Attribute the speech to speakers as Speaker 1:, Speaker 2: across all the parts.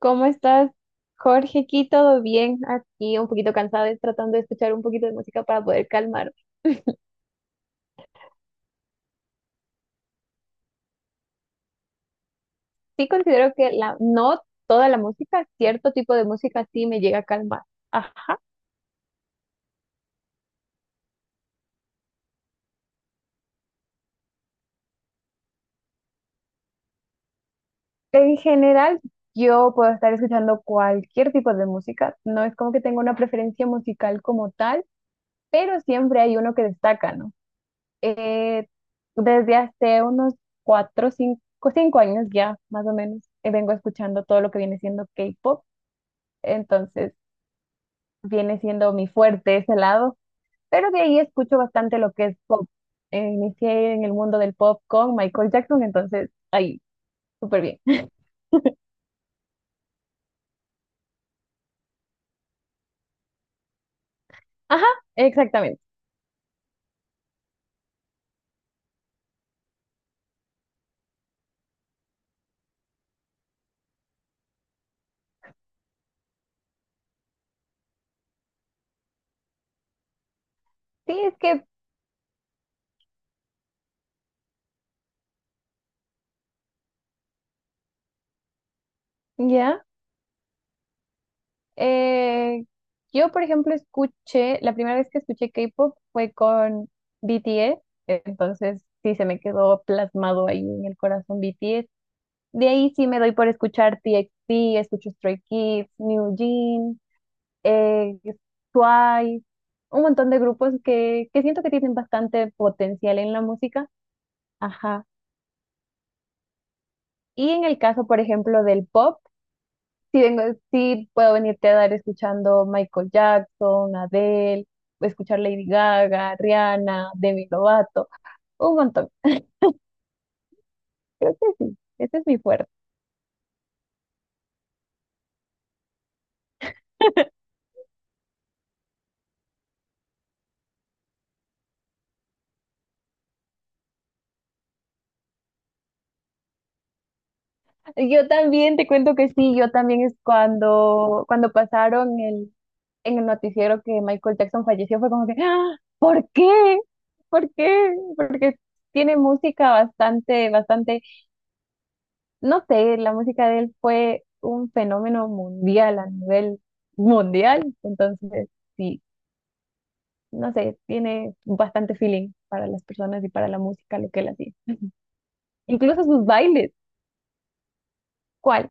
Speaker 1: ¿Cómo estás, Jorge? Aquí todo bien, aquí un poquito cansada, y tratando de escuchar un poquito de música para poder calmar. Sí considero que la, no toda la música, cierto tipo de música sí me llega a calmar. Ajá. En general, yo puedo estar escuchando cualquier tipo de música. No es como que tenga una preferencia musical como tal, pero siempre hay uno que destaca, ¿no? Eh, desde hace unos cuatro, cinco años ya, más o menos, vengo escuchando todo lo que viene siendo K-pop. Entonces, viene siendo mi fuerte ese lado, pero de ahí escucho bastante lo que es pop. Inicié en el mundo del pop con Michael Jackson, entonces ahí, súper bien. Ajá, exactamente. Sí, es que ya. eh, yo, por ejemplo, la primera vez que escuché K-pop fue con BTS, entonces sí se me quedó plasmado ahí en el corazón BTS. De ahí sí me doy por escuchar TXT, escucho Stray Kids, New Jeans. eh, Twice, un montón de grupos que siento que tienen bastante potencial en la música. Ajá. Y en el caso, por ejemplo, del pop, sí, vengo, sí puedo venirte a dar escuchando Michael Jackson, Adele, o escuchar Lady Gaga, Rihanna, Demi Lovato, un montón. Creo que sí, ese es mi fuerte. Yo también te cuento que sí, yo también es cuando pasaron el en el noticiero que Michael Jackson falleció fue como que, ¡ah! ¿Por qué? ¿Por qué? Porque tiene música bastante, bastante, no sé, la música de él fue un fenómeno mundial a nivel mundial, entonces sí, no sé, tiene bastante feeling para las personas y para la música, lo que él hacía. Incluso sus bailes, ¿cuál?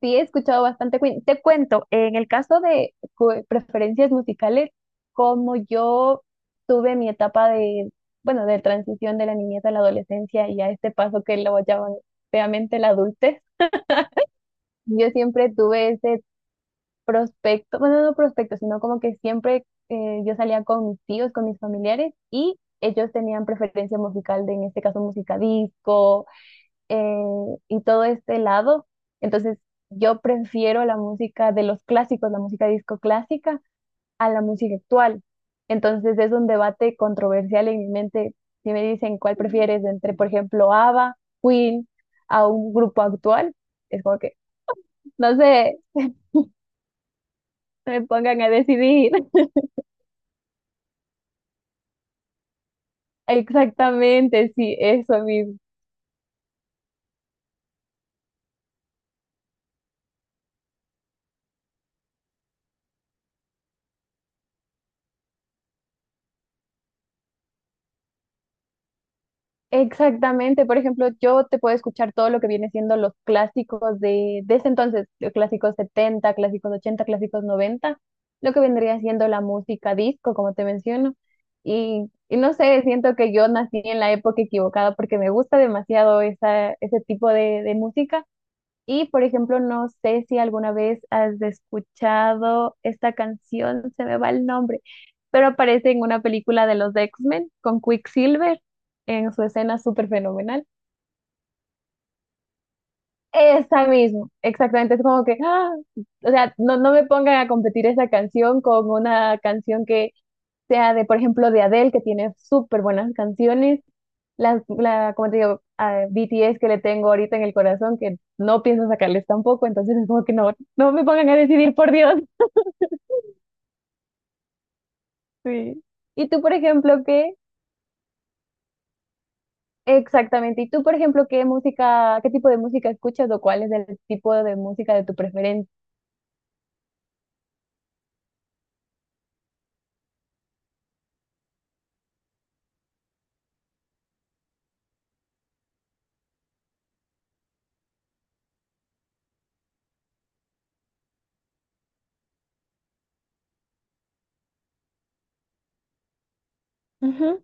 Speaker 1: Sí, he escuchado bastante Queen. Te cuento, en el caso de preferencias musicales, como yo tuve mi etapa de, bueno, de transición de la niñez a la adolescencia y a este paso que lo llaman feamente la adultez, yo siempre tuve ese prospecto, bueno, no prospecto, sino como que siempre yo salía con mis tíos, con mis familiares y ellos tenían preferencia musical de, en este caso, música disco eh, y todo este lado. Entonces, yo prefiero la música de los clásicos, la música disco clásica, a la música actual. Entonces, es un debate controversial en mi mente. Si me dicen cuál prefieres entre, por ejemplo, ABBA, Queen, a un grupo actual, es como que, no sé, me pongan a decidir. Exactamente, sí, eso mismo. Exactamente, por ejemplo, yo te puedo escuchar todo lo que viene siendo los clásicos de ese entonces, los clásicos setenta, clásicos ochenta, clásicos noventa, lo que vendría siendo la música disco, como te menciono. Y no sé, siento que yo nací en la época equivocada porque me gusta demasiado esa, ese tipo de música, y, por ejemplo, no sé si alguna vez has escuchado esta canción, se me va el nombre, pero aparece en una película de los X-Men con Quicksilver en su escena súper fenomenal. Esa mismo, exactamente, es como que, ¡ah! O sea, no, no me pongan a competir esa canción con una canción que sea de, por ejemplo, de Adele, que tiene súper buenas canciones, la, como te digo, a BTS que le tengo ahorita en el corazón, que no pienso sacarles tampoco, entonces es como que no, no me pongan a decidir, por Dios. Sí. ¿Y tú, por ejemplo, qué? Exactamente. ¿Y tú, por ejemplo, qué música, qué tipo de música escuchas o cuál es el tipo de música de tu preferencia? Ujú.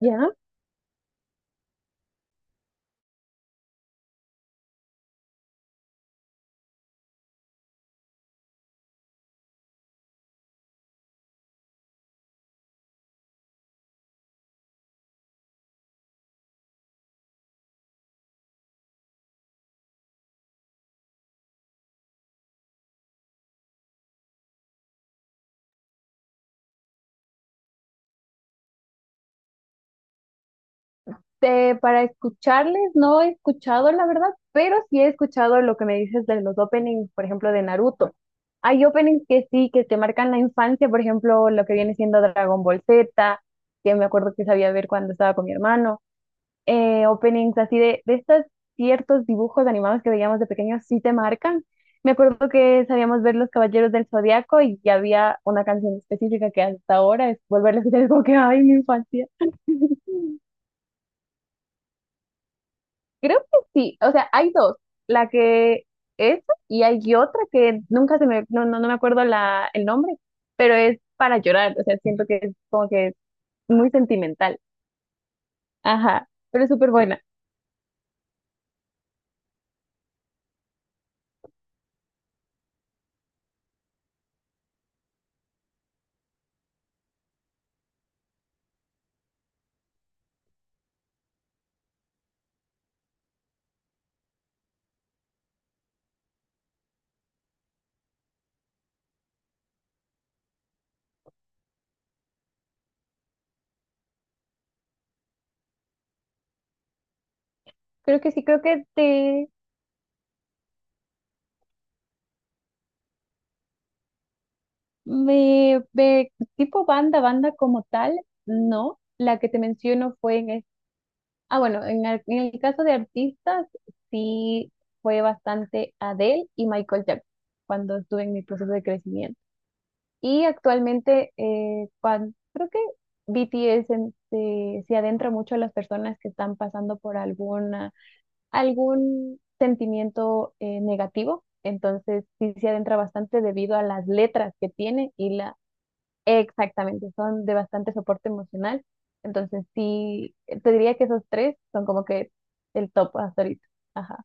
Speaker 1: ¿Ya? Este, para escucharles, no he escuchado la verdad, pero sí he escuchado lo que me dices de los openings, por ejemplo, de Naruto. Hay openings que sí, que te marcan la infancia, por ejemplo, lo que viene siendo Dragon Ball Z, que me acuerdo que sabía ver cuando estaba con mi hermano. Openings así de estos ciertos dibujos animados que veíamos de pequeños, sí te marcan. Me acuerdo que sabíamos ver Los Caballeros del Zodiaco y había una canción específica que hasta ahora es volverla a escuchar, es como que, ay, mi infancia. Creo que sí, o sea, hay dos, la que es y hay otra que nunca se me, no, no, no me acuerdo la, el nombre, pero es para llorar, o sea, siento que es como que muy sentimental, ajá, pero es súper buena. Creo que sí, creo que de, me, me- tipo banda, banda como tal, no, la que te menciono fue en, ah, bueno, en el, caso de artistas, sí fue bastante Adele y Michael Jackson cuando estuve en mi proceso de crecimiento. Y actualmente, creo que BTS se adentra mucho a las personas que están pasando por alguna, algún sentimiento negativo. Entonces, sí se adentra bastante debido a las letras que tiene y la, exactamente, son de bastante soporte emocional. Entonces, sí, te diría que esos tres son como que el top hasta ahorita. Ajá.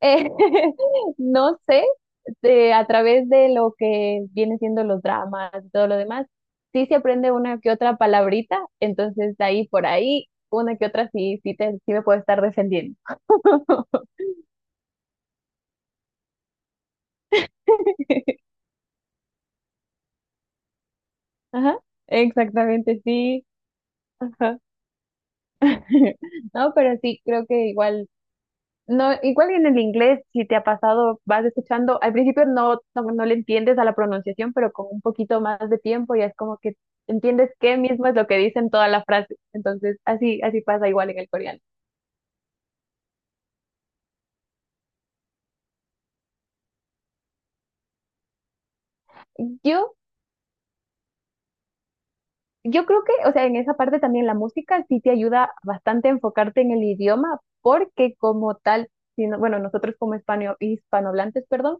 Speaker 1: Eh, no sé a través de lo que viene siendo los dramas y todo lo demás, sí se aprende una que otra palabrita, entonces de ahí por ahí, una que otra sí, sí, sí me puedo estar defendiendo. Ajá, exactamente, sí. Ajá. No, pero sí, creo que igual, no, igual en el inglés, si te ha pasado, vas escuchando, al principio no, no, no le entiendes a la pronunciación, pero con un poquito más de tiempo ya es como que entiendes qué mismo es lo que dicen toda la frase. Entonces, así, así pasa igual en el coreano. Yo, yo creo que, o sea, en esa parte también la música sí te ayuda bastante a enfocarte en el idioma, porque como tal, si bueno, nosotros como hispano, hispanohablantes, perdón,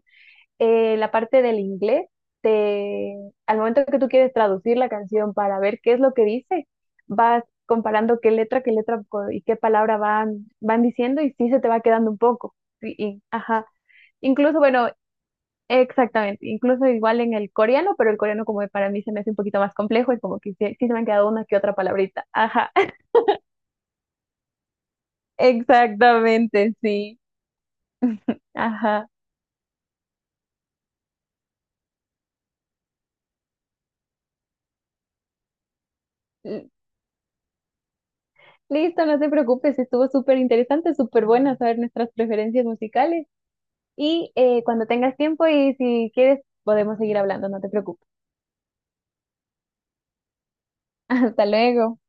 Speaker 1: la parte del inglés, te, al momento que tú quieres traducir la canción para ver qué es lo que dice, vas comparando qué letra, y qué palabra van diciendo y sí se te va quedando un poco. Ajá. Incluso, bueno, exactamente, incluso igual en el coreano, pero el coreano como para mí se me hace un poquito más complejo, es como que sí, sí se me han quedado una que otra palabrita. Ajá, exactamente, sí. Ajá. L- Listo, no te preocupes, estuvo súper interesante, súper buena saber nuestras preferencias musicales y cuando tengas tiempo y si quieres podemos seguir hablando, no te preocupes. Hasta luego.